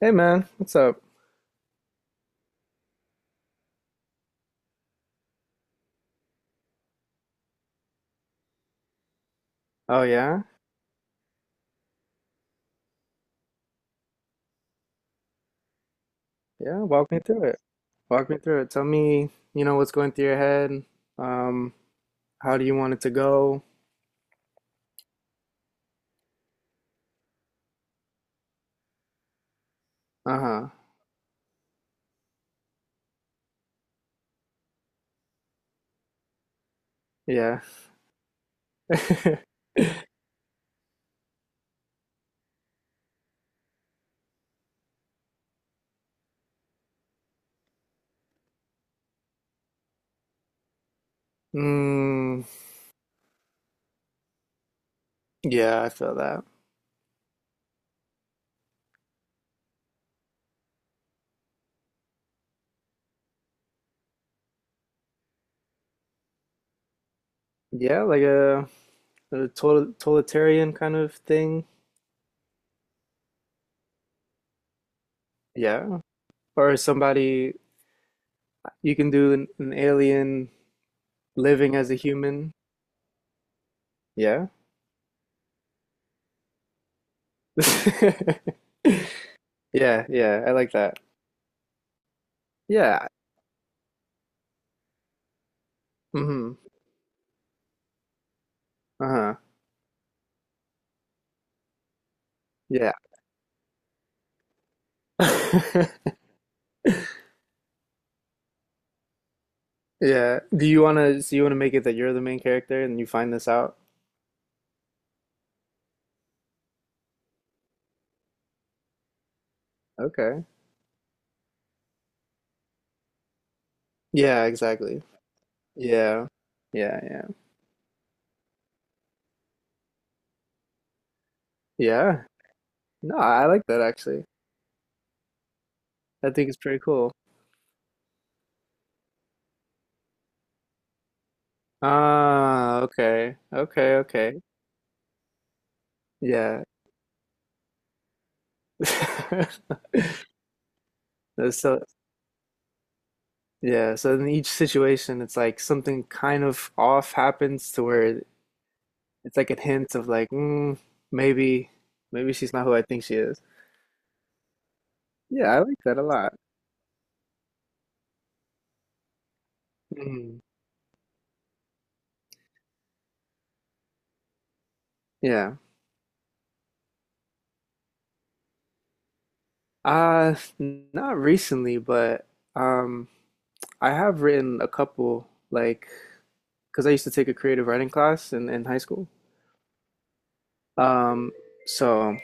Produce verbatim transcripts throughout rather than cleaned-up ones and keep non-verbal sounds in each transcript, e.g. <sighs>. Hey man, what's up? Oh yeah? Yeah, walk me through it. Walk me through it. Tell me, you know, what's going through your head. Um, how do you want it to go? Uh-huh. Yeah. <laughs> Mm, yeah, I feel that. Yeah, like a, a total, totalitarian kind of thing. Yeah. Or somebody you can do an, an alien living as a human. Yeah. <laughs> Yeah, yeah, I like that. Yeah. Mm-hmm. Uh-huh. Yeah. <laughs> Yeah. Do you wanna so you wanna make it that you're the main character and you find this out? Okay. Yeah, exactly. Yeah. Yeah, yeah. Yeah. No, I like that actually. I think it's pretty cool. Ah, okay. Okay, okay. Yeah. <laughs> That's. So, yeah, so in each situation it's like something kind of off happens to where it's like a hint of like, mm, maybe maybe she's not who I think she is. Yeah, I like that a lot. Mm. Yeah. Uh, not recently, but um, I have written a couple, like, because I used to take a creative writing class in, in high school. Um, so,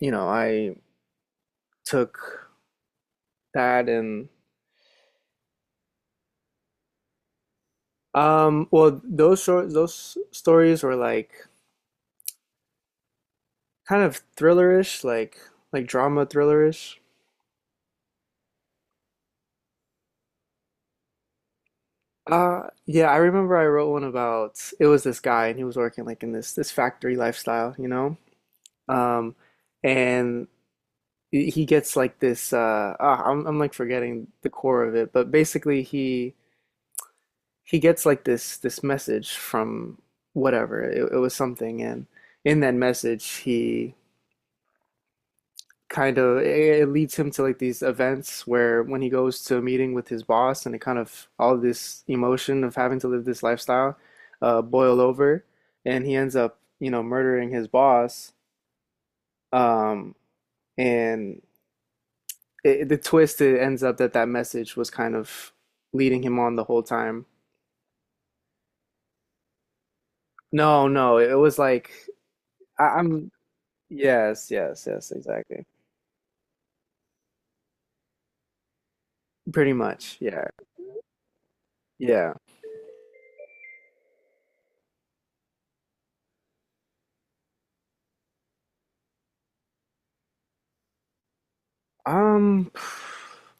you know, I took that and um, well, those short those stories were like kind of thrillerish, like like drama thrillerish. Uh, yeah, I remember I wrote one about, it was this guy and he was working like in this this factory lifestyle, you know, um, and he he gets like this uh ah, I'm I'm like forgetting the core of it, but basically he he gets like this this message from whatever. It, it was something, and in that message he kind of, it, it leads him to like these events where when he goes to a meeting with his boss, and it kind of, all this emotion of having to live this lifestyle uh boil over, and he ends up, you know, murdering his boss. Um and it, the twist, it ends up that that message was kind of leading him on the whole time. No, no, it was like, I, I'm yes, yes, yes, exactly. Pretty much. Yeah. Yeah. Um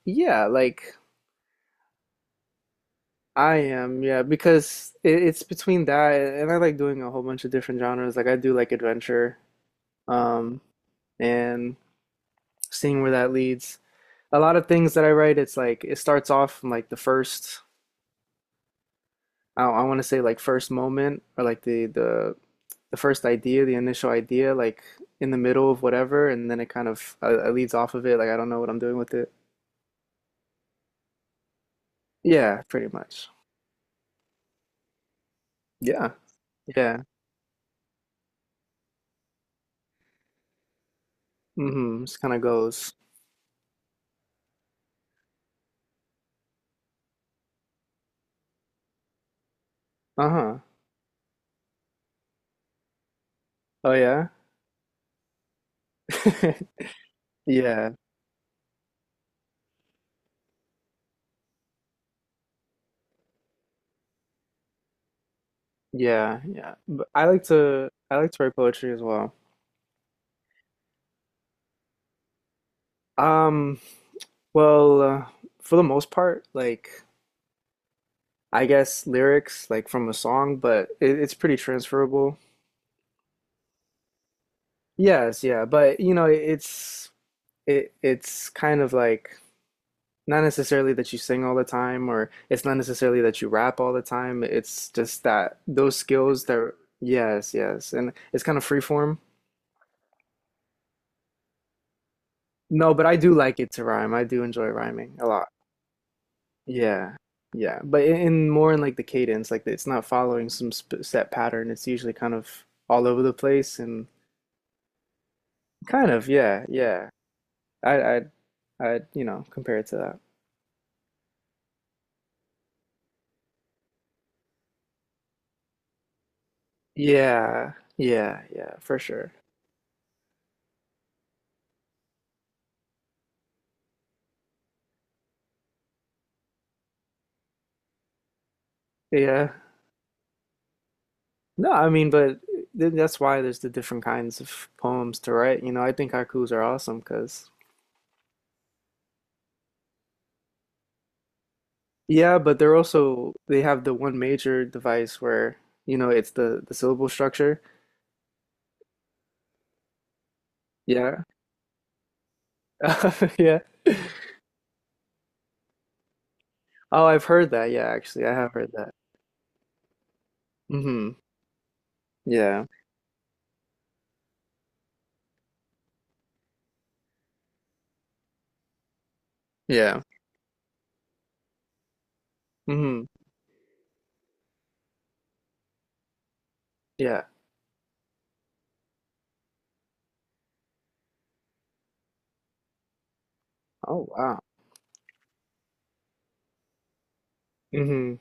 yeah, like, I am, yeah, because it, it's between that and I like doing a whole bunch of different genres. Like I do like adventure, um, and seeing where that leads. A lot of things that I write, it's like it starts off from like the first, I, I want to say like first moment or like the the the first idea, the initial idea, like in the middle of whatever, and then it kind of, uh, it leads off of it. Like I don't know what I'm doing with it. Yeah, pretty much. Yeah, yeah. Mm-hmm. Just kind of goes. Uh-huh. Oh yeah. <laughs> Yeah, yeah, yeah. But I like to I like to write poetry as well. Um, well, uh, for the most part, like, I guess lyrics like from a song, but it, it's pretty transferable. Yes, yeah, but you know, it, it's it it's kind of like, not necessarily that you sing all the time, or it's not necessarily that you rap all the time. It's just that those skills that, yes, yes. And it's kind of free form. No, but I do like it to rhyme. I do enjoy rhyming a lot. Yeah. Yeah. But in, in more in like the cadence, like it's not following some sp set pattern. It's usually kind of all over the place and kind of, yeah, yeah. I I I You know, compare it to that. Yeah. Yeah, yeah, for sure. Yeah. No, I mean, but th that's why there's the different kinds of poems to write. You know, I think haikus are awesome because, yeah, but they're also, they have the one major device where, you know, it's the, the syllable structure. Yeah. <laughs> Yeah. Oh, I've heard that. Yeah, actually, I have heard that. Hmm. Yeah. Yeah. Hmm. Yeah. Oh, wow. Hmm.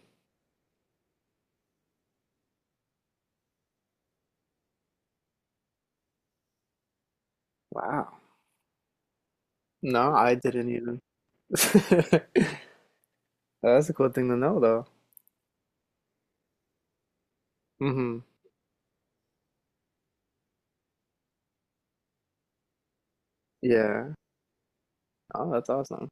Wow. No, I didn't even. <laughs> That's a cool thing to know, though. Hmm. Yeah. Oh, that's awesome.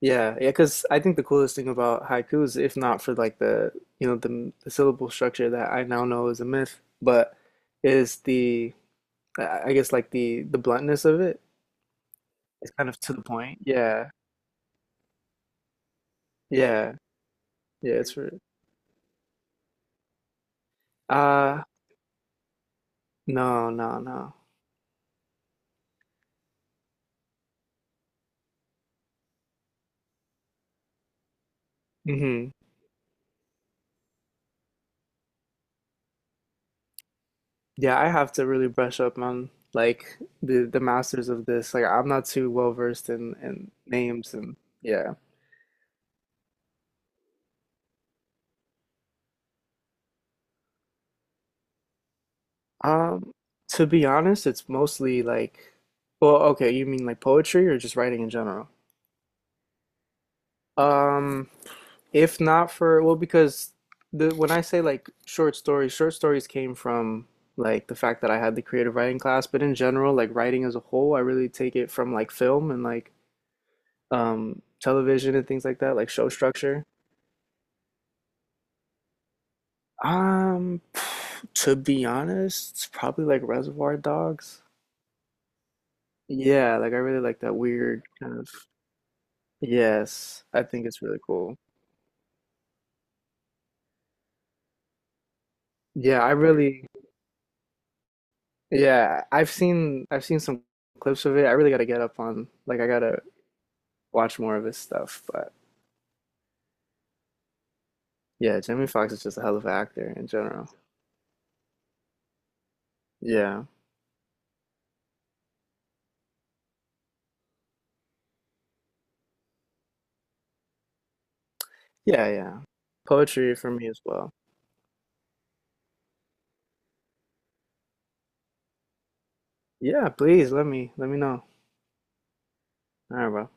Yeah, yeah, because I think the coolest thing about haikus, if not for like the, you know, the, the syllable structure that I now know is a myth, but is the, I I guess like the the bluntness of it. It's kind of to the point. Yeah, yeah, yeah. It's for uh no, no, no. Hmm. Yeah, I have to really brush up on like the the masters of this. Like I'm not too well versed in in names and yeah. Um, to be honest, it's mostly like, well, okay, you mean like poetry or just writing in general? Um, if not for, well, because the, when I say like short stories, short stories came from like the fact that I had the creative writing class, but in general, like writing as a whole, I really take it from like film and like um television and things like that, like show structure. Um, <sighs> to be honest, it's probably like Reservoir Dogs. Yeah, like I really like that weird kind of, yes, I think it's really cool. Yeah, I really, yeah, I've seen I've seen some clips of it. I really gotta get up on like, I gotta watch more of his stuff. But yeah, Jamie Foxx is just a hell of an actor in general. Yeah. Yeah, yeah. Poetry for me as well. Yeah, please let me let me know. All right, bro.